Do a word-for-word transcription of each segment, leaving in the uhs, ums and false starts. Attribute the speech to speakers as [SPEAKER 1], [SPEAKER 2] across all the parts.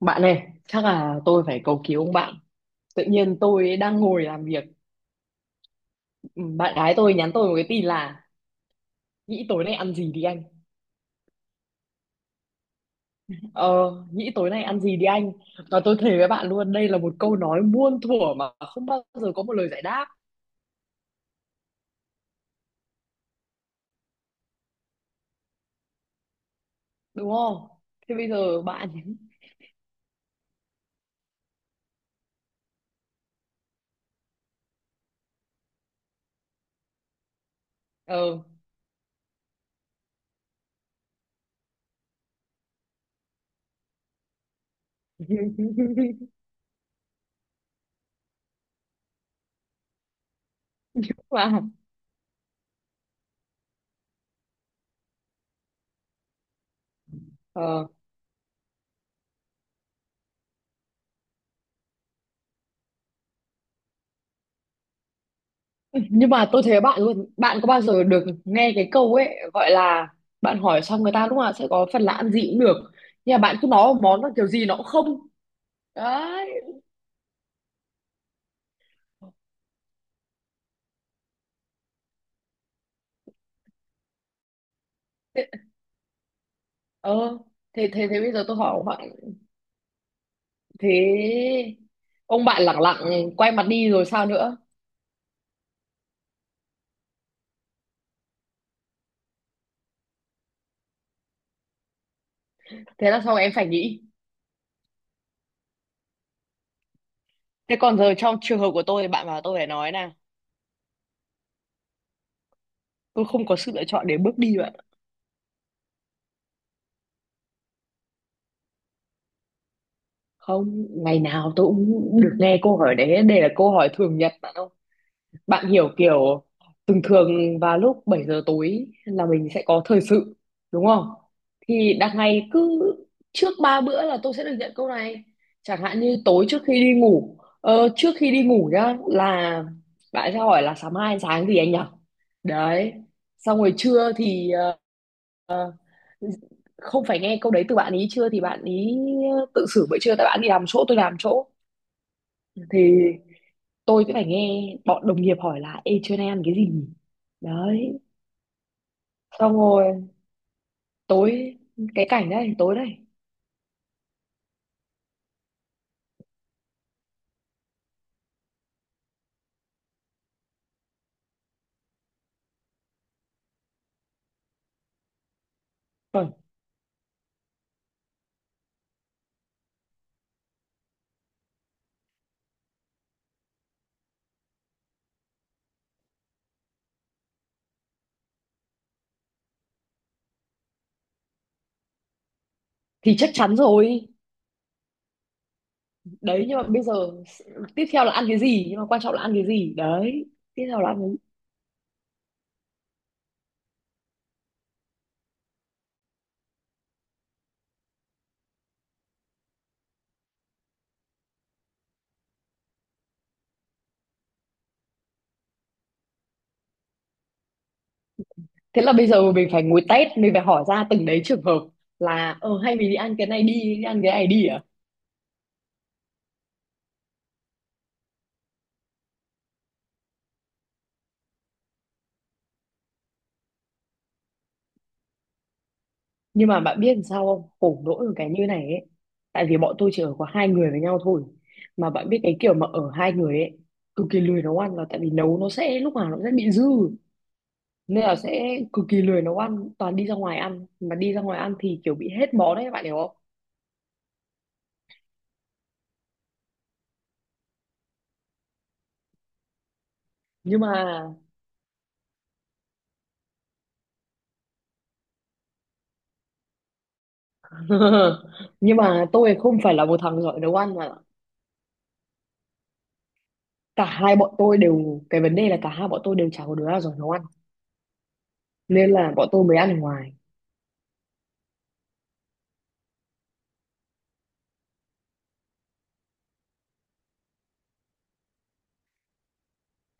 [SPEAKER 1] Bạn ơi, chắc là tôi phải cầu cứu ông bạn. Tự nhiên tôi đang ngồi làm việc, ừ, bạn gái tôi nhắn tôi một cái tin là nghĩ tối nay ăn gì đi anh. Ờ, nghĩ tối nay ăn gì đi anh. Và tôi thề với bạn luôn, đây là một câu nói muôn thuở mà không bao giờ có một lời giải đáp, đúng không? Thế bây giờ bạn ờ mà ờ nhưng mà tôi thấy bạn luôn, bạn có bao giờ được nghe cái câu ấy gọi là bạn hỏi xong người ta lúc nào sẽ có phần là ăn gì cũng được. Nhưng mà bạn cứ nói một món là kiểu gì nó cũng không đấy. Thế, ờ thế, thế thế bây giờ tôi hỏi ông. Thế ông bạn lẳng lặng quay mặt đi rồi sao nữa? Thế là xong em phải nghĩ. Thế còn giờ trong trường hợp của tôi thì bạn bảo tôi phải nói nè, tôi không có sự lựa chọn để bước đi bạn ạ. Không ngày nào tôi cũng được nghe câu hỏi đấy, đây là câu hỏi thường nhật bạn ạ. Bạn hiểu kiểu thường thường vào lúc bảy giờ tối là mình sẽ có thời sự, đúng không? Thì đằng ngày cứ trước ba bữa là tôi sẽ được nhận câu này. Chẳng hạn như tối trước khi đi ngủ, ờ, trước khi đi ngủ nhá, là bạn sẽ hỏi là sáng mai ăn sáng gì anh nhỉ. Đấy. Xong rồi trưa thì ờ, không phải nghe câu đấy từ bạn ý, trưa thì bạn ý ờ, tự xử bữa trưa, tại bạn đi làm chỗ tôi làm chỗ, thì tôi sẽ phải nghe bọn đồng nghiệp hỏi là ê trưa nay ăn cái gì nhỉ? Đấy. Xong rồi tối, cái cảnh đấy tối đấy. Rồi thì chắc chắn rồi. Đấy nhưng mà bây giờ s- tiếp theo là ăn cái gì, nhưng mà quan trọng là ăn cái gì đấy, tiếp theo là ăn cái gì. Thế là bây giờ mình phải ngồi test, mình phải hỏi ra từng đấy trường hợp, là ờ hay mình đi ăn cái này đi, đi ăn cái này đi à. Nhưng mà bạn biết làm sao không, khổ nỗi một cái như này ấy, tại vì bọn tôi chỉ ở có hai người với nhau thôi. Mà bạn biết cái kiểu mà ở hai người ấy cực kỳ lười nấu ăn, là tại vì nấu nó sẽ lúc nào nó cũng sẽ bị dư, nên là sẽ cực kỳ lười nấu ăn, toàn đi ra ngoài ăn. Mà đi ra ngoài ăn thì kiểu bị hết món đấy, bạn hiểu không. Nhưng mà nhưng mà tôi không phải là một thằng giỏi nấu ăn mà. Cả hai bọn tôi đều, cái vấn đề là cả hai bọn tôi đều chả có đứa nào giỏi nấu ăn, nên là bọn tôi mới ăn ở ngoài.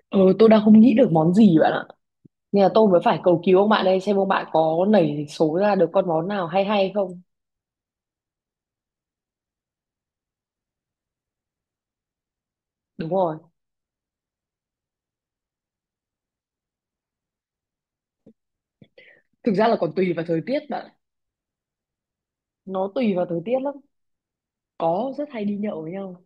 [SPEAKER 1] Ờ tôi đang không nghĩ được món gì bạn ạ, nên là tôi mới phải cầu cứu ông bạn đây, xem ông bạn có nảy số ra được con món nào hay hay không. Đúng rồi, thực ra là còn tùy vào thời tiết bạn ạ. Nó tùy vào thời tiết lắm. Có, rất hay đi nhậu với nhau.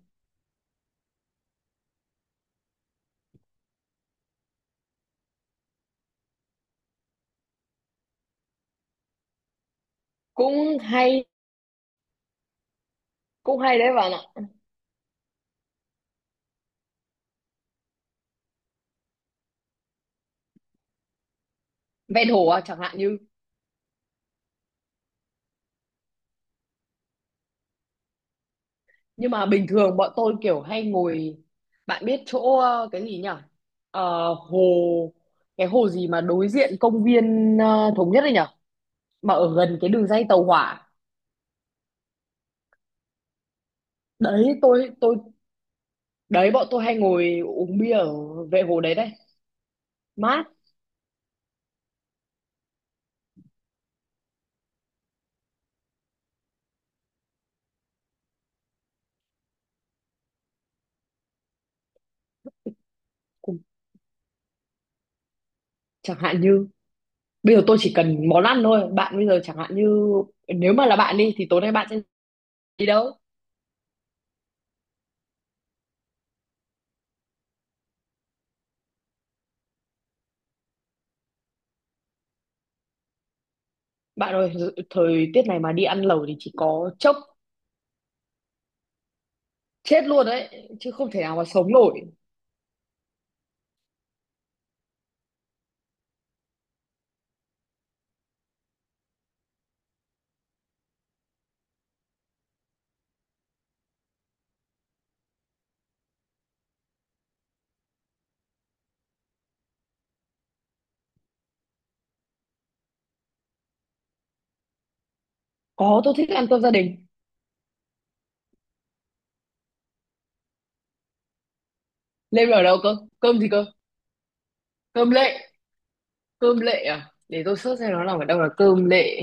[SPEAKER 1] Cũng hay, cũng hay đấy bạn ạ. Ven hồ à, chẳng hạn như nhưng mà bình thường bọn tôi kiểu hay ngồi, bạn biết chỗ ờ, cái gì nhỉ? Ờ, hồ, cái hồ gì mà đối diện công viên ờ, Thống Nhất đấy nhỉ, mà ở gần cái đường ray tàu hỏa đấy. Tôi tôi đấy, bọn tôi hay ngồi uống bia ở vệ hồ đấy đấy. Mát. Cũng, chẳng hạn như bây giờ tôi chỉ cần món ăn thôi bạn. Bây giờ chẳng hạn như nếu mà là bạn đi thì tối nay bạn sẽ đi đâu? Bạn ơi, thời tiết này mà đi ăn lẩu thì chỉ có chốc chết luôn đấy chứ không thể nào mà sống nổi. Có, tôi thích ăn cơm gia đình. Lê ở đâu cơ, cơm gì cơ? Cơm lệ. Cơm lệ à, để tôi search xem nó nằm ở đâu là cơm lệ.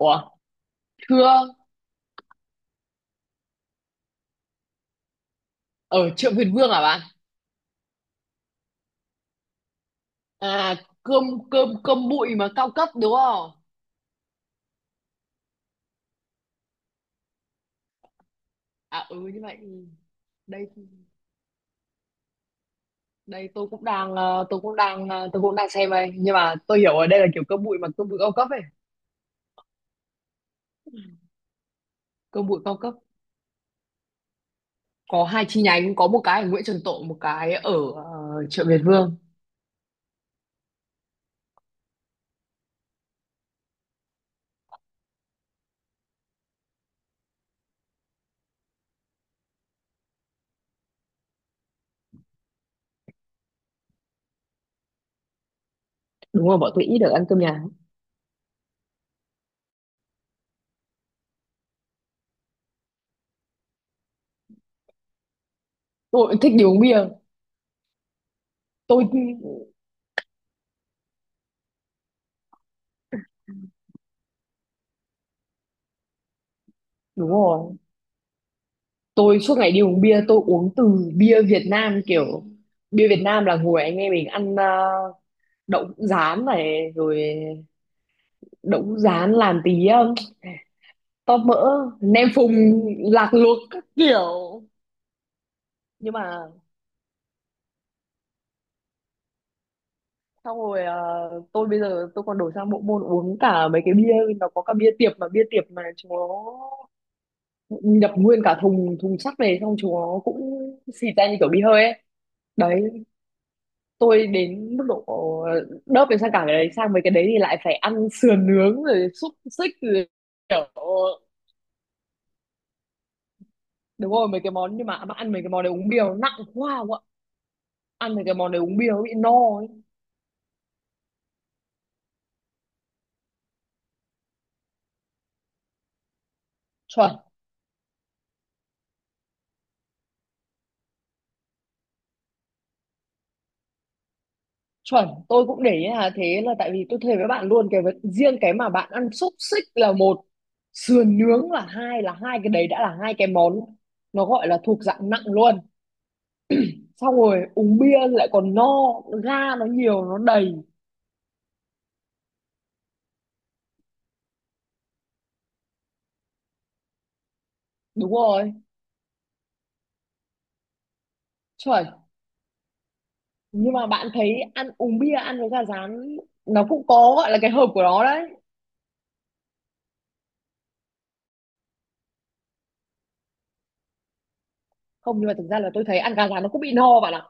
[SPEAKER 1] Ủa, thưa, ở chợ Việt Vương à bạn? À, cơm cơm cơm bụi mà cao cấp đúng không? À ừ, như vậy thì đây, đây tôi cũng đang ờ, tôi cũng đang ờ, tôi cũng đang xem đây, nhưng mà tôi hiểu ở đây là kiểu cơm bụi, mà cơm bụi cao cấp ấy. Cơm bụi cao cấp, có hai chi nhánh, có một cái ở Nguyễn Trần Tộ, một cái ở ờ, chợ Việt Vương. Đúng rồi, bọn tôi ít được ăn cơm nhà. Tôi cũng thích đi uống bia. Tôi, đúng rồi, tôi suốt ngày đi uống bia, tôi uống từ bia Việt Nam kiểu, bia Việt Nam là ngồi anh em mình ăn uh, đậu hũ rán này, rồi đậu hũ rán làm tí, um, tóp mỡ, nem phùng, lạc luộc các kiểu. Nhưng mà xong rồi ờ, tôi bây giờ tôi còn đổi sang bộ môn uống cả mấy cái bia, nó có cả bia tiệp, mà bia tiệp mà chúng nó nhập nguyên cả thùng thùng sắt về, xong chúng nó cũng xịt ra như kiểu bia hơi ấy. Đấy, tôi đến mức độ đớp đến sang cả cái đấy, sang mấy cái đấy thì lại phải ăn sườn nướng rồi xúc xích rồi kiểu. Đúng rồi mấy cái món, nhưng mà, mà ăn mấy cái món đấy uống bia nó nặng quá không ạ. Ăn mấy cái món đấy uống bia nó bị no ấy. Chuẩn, chuẩn tôi cũng để ý là thế, là tại vì tôi thề với bạn luôn cái vấn- riêng cái mà bạn ăn xúc xích là một, sườn nướng là hai, là hai cái đấy đã là hai cái món nó gọi là thuộc dạng nặng luôn. Xong rồi uống bia lại còn no, ga nó nhiều nó đầy. Đúng rồi, chuẩn. Nhưng mà bạn thấy ăn uống bia ăn với gà rán, nó cũng có gọi là cái hợp của nó đấy. Không nhưng mà thực ra là tôi thấy ăn gà rán nó cũng bị no bạn ạ.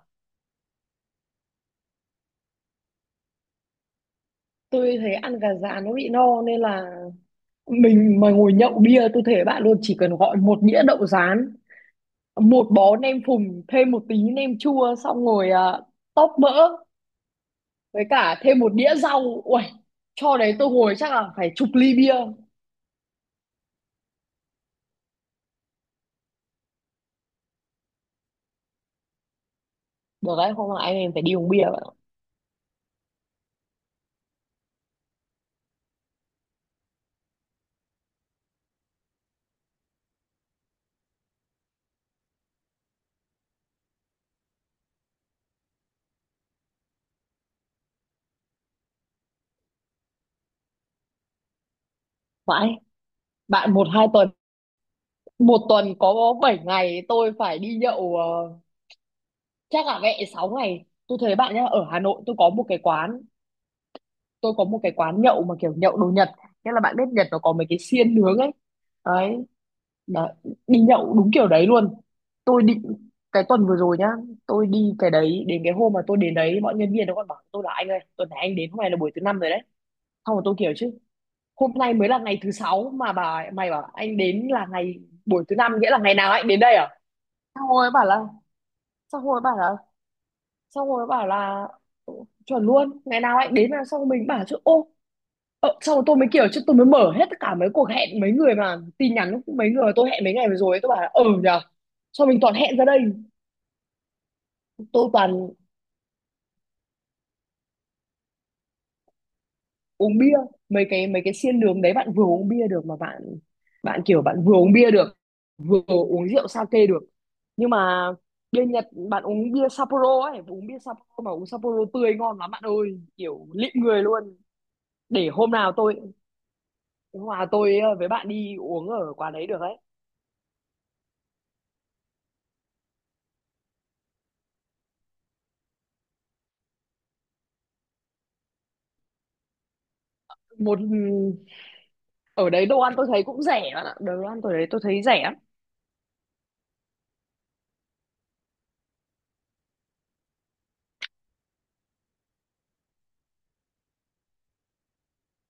[SPEAKER 1] Tôi thấy ăn gà rán nó bị no, nên là mình mà ngồi nhậu bia, tôi thể bạn luôn chỉ cần gọi một đĩa đậu rán, một bó nem phùng, thêm một tí nem chua, xong ngồi uh, tóp mỡ, với cả thêm một đĩa rau uầy cho đấy, tôi ngồi chắc là phải chục ly bia. Được đấy, không là anh em phải đi uống bia bạn ạ. Mãi bạn, một hai tuần. Một tuần có bảy ngày, tôi phải đi nhậu, ờ, chắc là mẹ sáu ngày. Tôi thấy bạn nhá, ở Hà Nội tôi có một cái quán, tôi có một cái quán nhậu mà kiểu nhậu đồ Nhật, nghĩa là bạn biết Nhật nó có mấy cái xiên nướng ấy. Đấy, đó. Đi nhậu đúng kiểu đấy luôn. Tôi định cái tuần vừa rồi nhá, tôi đi cái đấy, đến cái hôm mà tôi đến đấy, mọi nhân viên nó còn bảo tôi là anh ơi, tuần này anh đến hôm nay là buổi thứ năm rồi đấy. Xong rồi tôi kiểu chứ, hôm nay mới là ngày thứ sáu mà bà mày bảo anh đến là ngày, buổi thứ năm, nghĩa là ngày nào anh đến đây à. Xong rồi bảo là xong rồi bảo là Xong rồi bảo là: "Ừ, chuẩn luôn, ngày nào anh đến". Là xong rồi mình bảo chứ ô, ờ, xong rồi tôi mới kiểu chứ, tôi mới mở hết tất cả mấy cuộc hẹn mấy người mà tin nhắn lúc- mấy người mà tôi hẹn mấy ngày vừa rồi ấy, tôi bảo là ừ nhờ, xong mình toàn hẹn ra đây. Tôi toàn uống bia mấy cái, mấy cái xiên đường đấy bạn, vừa uống bia được mà bạn. Bạn kiểu bạn vừa uống bia được, vừa uống rượu sake được. Nhưng mà bia Nhật bạn uống bia Sapporo ấy, uống bia Sapporo mà uống Sapporo tươi ngon lắm bạn ơi, kiểu lịm người luôn. Để hôm nào tôi Hòa tôi ờ, với bạn đi uống ở quán đấy được đấy. Một ừ, ở đấy đồ ăn tôi thấy cũng rẻ bạn ạ. Đồ ăn tôi đấy tôi thấy rẻ lắm.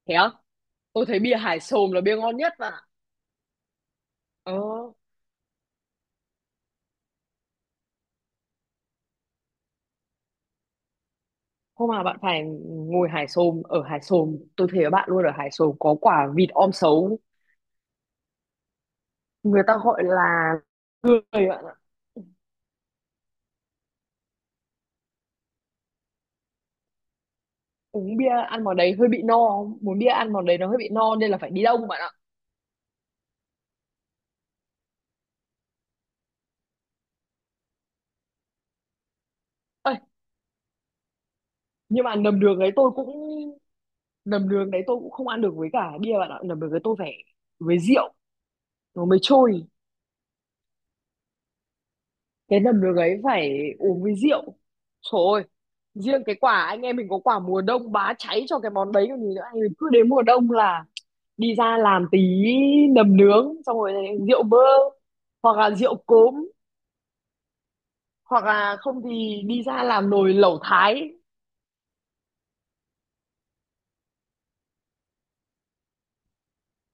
[SPEAKER 1] Thế không? Tôi thấy bia Hải Xồm là bia ngon nhất bạn ạ. Ờ, hôm nào bạn phải ngồi Hải Xồm, ở Hải Xồm, tôi thấy bạn luôn ở Hải Xồm có quả vịt om sấu, người ta gọi là, người bạn ạ. Uống bia ăn món đấy hơi bị no, muốn bia ăn món đấy nó hơi bị no nên là phải đi đông bạn ạ. Ê, nhưng mà nầm đường đấy tôi cũng, nầm đường đấy tôi cũng không ăn được với cả bia bạn ạ, nầm đường đấy tôi phải với rượu nó mới trôi. Cái nấm nước ấy phải uống với rượu. Trời ơi, riêng cái quả anh em mình có quả mùa đông bá cháy cho cái món đấy còn gì nữa, anh mình cứ đến mùa đông là đi ra làm tí nấm nướng, xong rồi rượu bơ, hoặc là rượu cốm, hoặc là không thì đi ra làm nồi lẩu thái.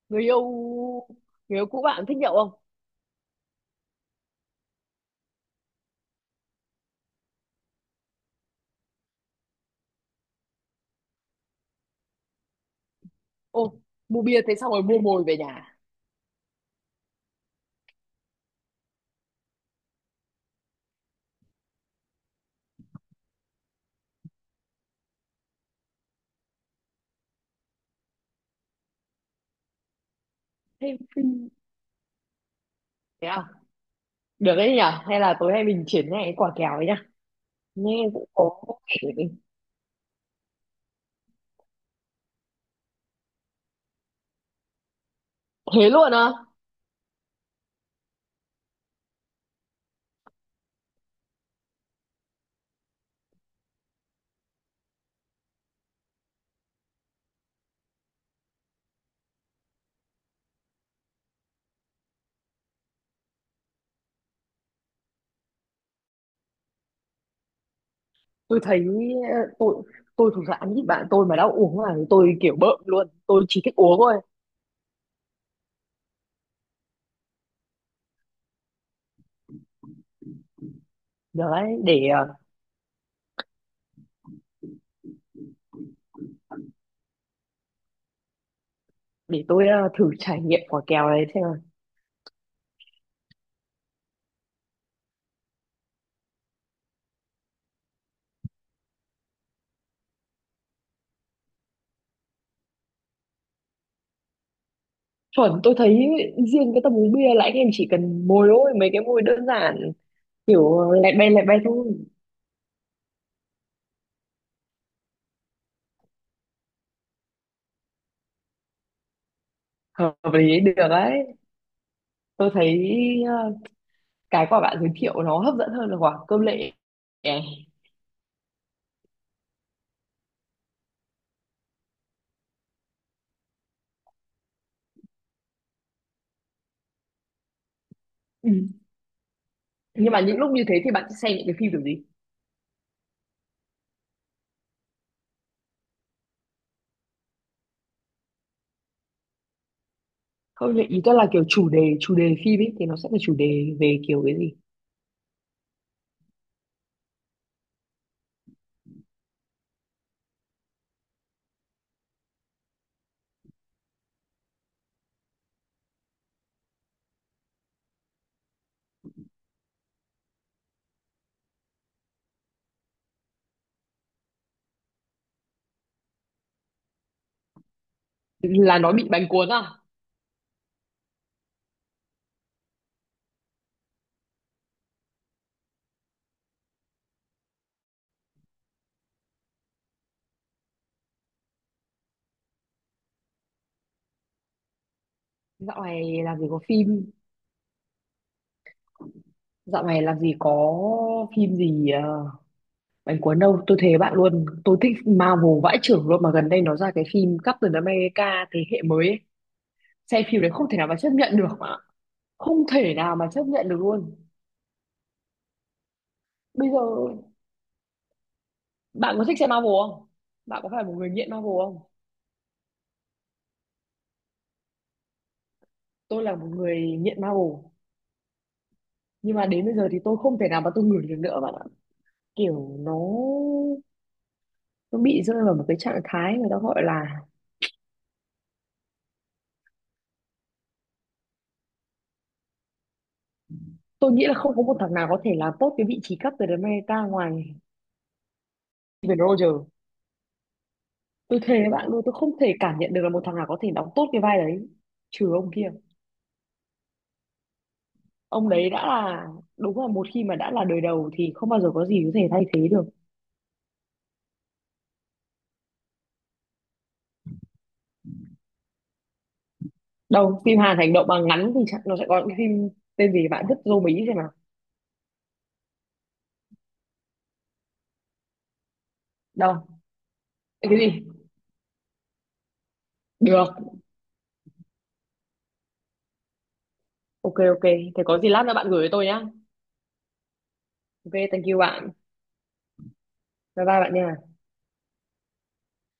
[SPEAKER 1] Người yêu, người yêu cũ bạn thích nhậu không? Ô, mua bia thế xong rồi mua mồi về nhà, thêm phim. Thế à? Được đấy nhở, hay là tối nay mình triển khai cái quả kèo ấy nhá. Nghe cũng có vẻ, thế luôn á? Tôi thấy ờ, tôi tôi thực ra ăn ít bạn, tôi mà đã uống là tôi kiểu bợm luôn, tôi chỉ thích uống thôi. Đấy, để ờ, để tôi ờ, thử trải nghiệm quả kèo này xem nào. Chuẩn tôi thấy riêng cái tầm uống bia là anh em chỉ cần mồi thôi, mấy cái mồi đơn giản, kiểu lẹt bay lẹt bay thôi. Hợp lý, được đấy. Tôi thấy ờ, cái quả bạn giới thiệu nó hấp dẫn hơn là quả cơm lệ. Ừ. Nhưng mà những lúc như thế thì bạn sẽ xem những cái phim kiểu gì? Không, ý tôi là kiểu chủ đề, chủ đề phim ấy thì nó sẽ là chủ đề về kiểu cái gì? Là nó bị bánh cuốn à? Dạo này làm gì có phim, dạo này làm gì có phim gì ờ, bánh cuốn đâu, tôi thề bạn luôn tôi thích Marvel vãi chưởng luôn, mà gần đây nó ra cái phim Captain America thế hệ mới ấy. Xem phim đấy không thể nào mà chấp nhận được, không thể nào mà chấp nhận được luôn. Bây giờ bạn có thích xem Marvel không? Bạn có phải một người nghiện Marvel không? Tôi là một người nghiện Marvel. Nhưng mà đến bây giờ thì tôi không thể nào mà tôi ngửi được nữa bạn ạ, kiểu nó nó bị rơi vào một cái trạng thái người ta gọi là, tôi nghĩ là không có một thằng nào có thể làm tốt cái vị trí cấp từ đến America ngoài Steven Roger. Tôi thề với bạn luôn tôi không thể cảm nhận được là một thằng nào có thể đóng tốt cái vai đấy, trừ ông kia. Ông đấy đã là, đúng là một khi mà đã là đời đầu thì không bao giờ có gì có thể thay thế được. Đâu, phim Hàn hành động mà ngắn thì chắc nó sẽ có những phim tên gì, bạn thích dô Mỹ xem nào. Đâu, cái gì? Được, ok ok, thế có gì lát nữa bạn gửi cho tôi nhá. Ok thank you bạn. Bye bye bạn nha.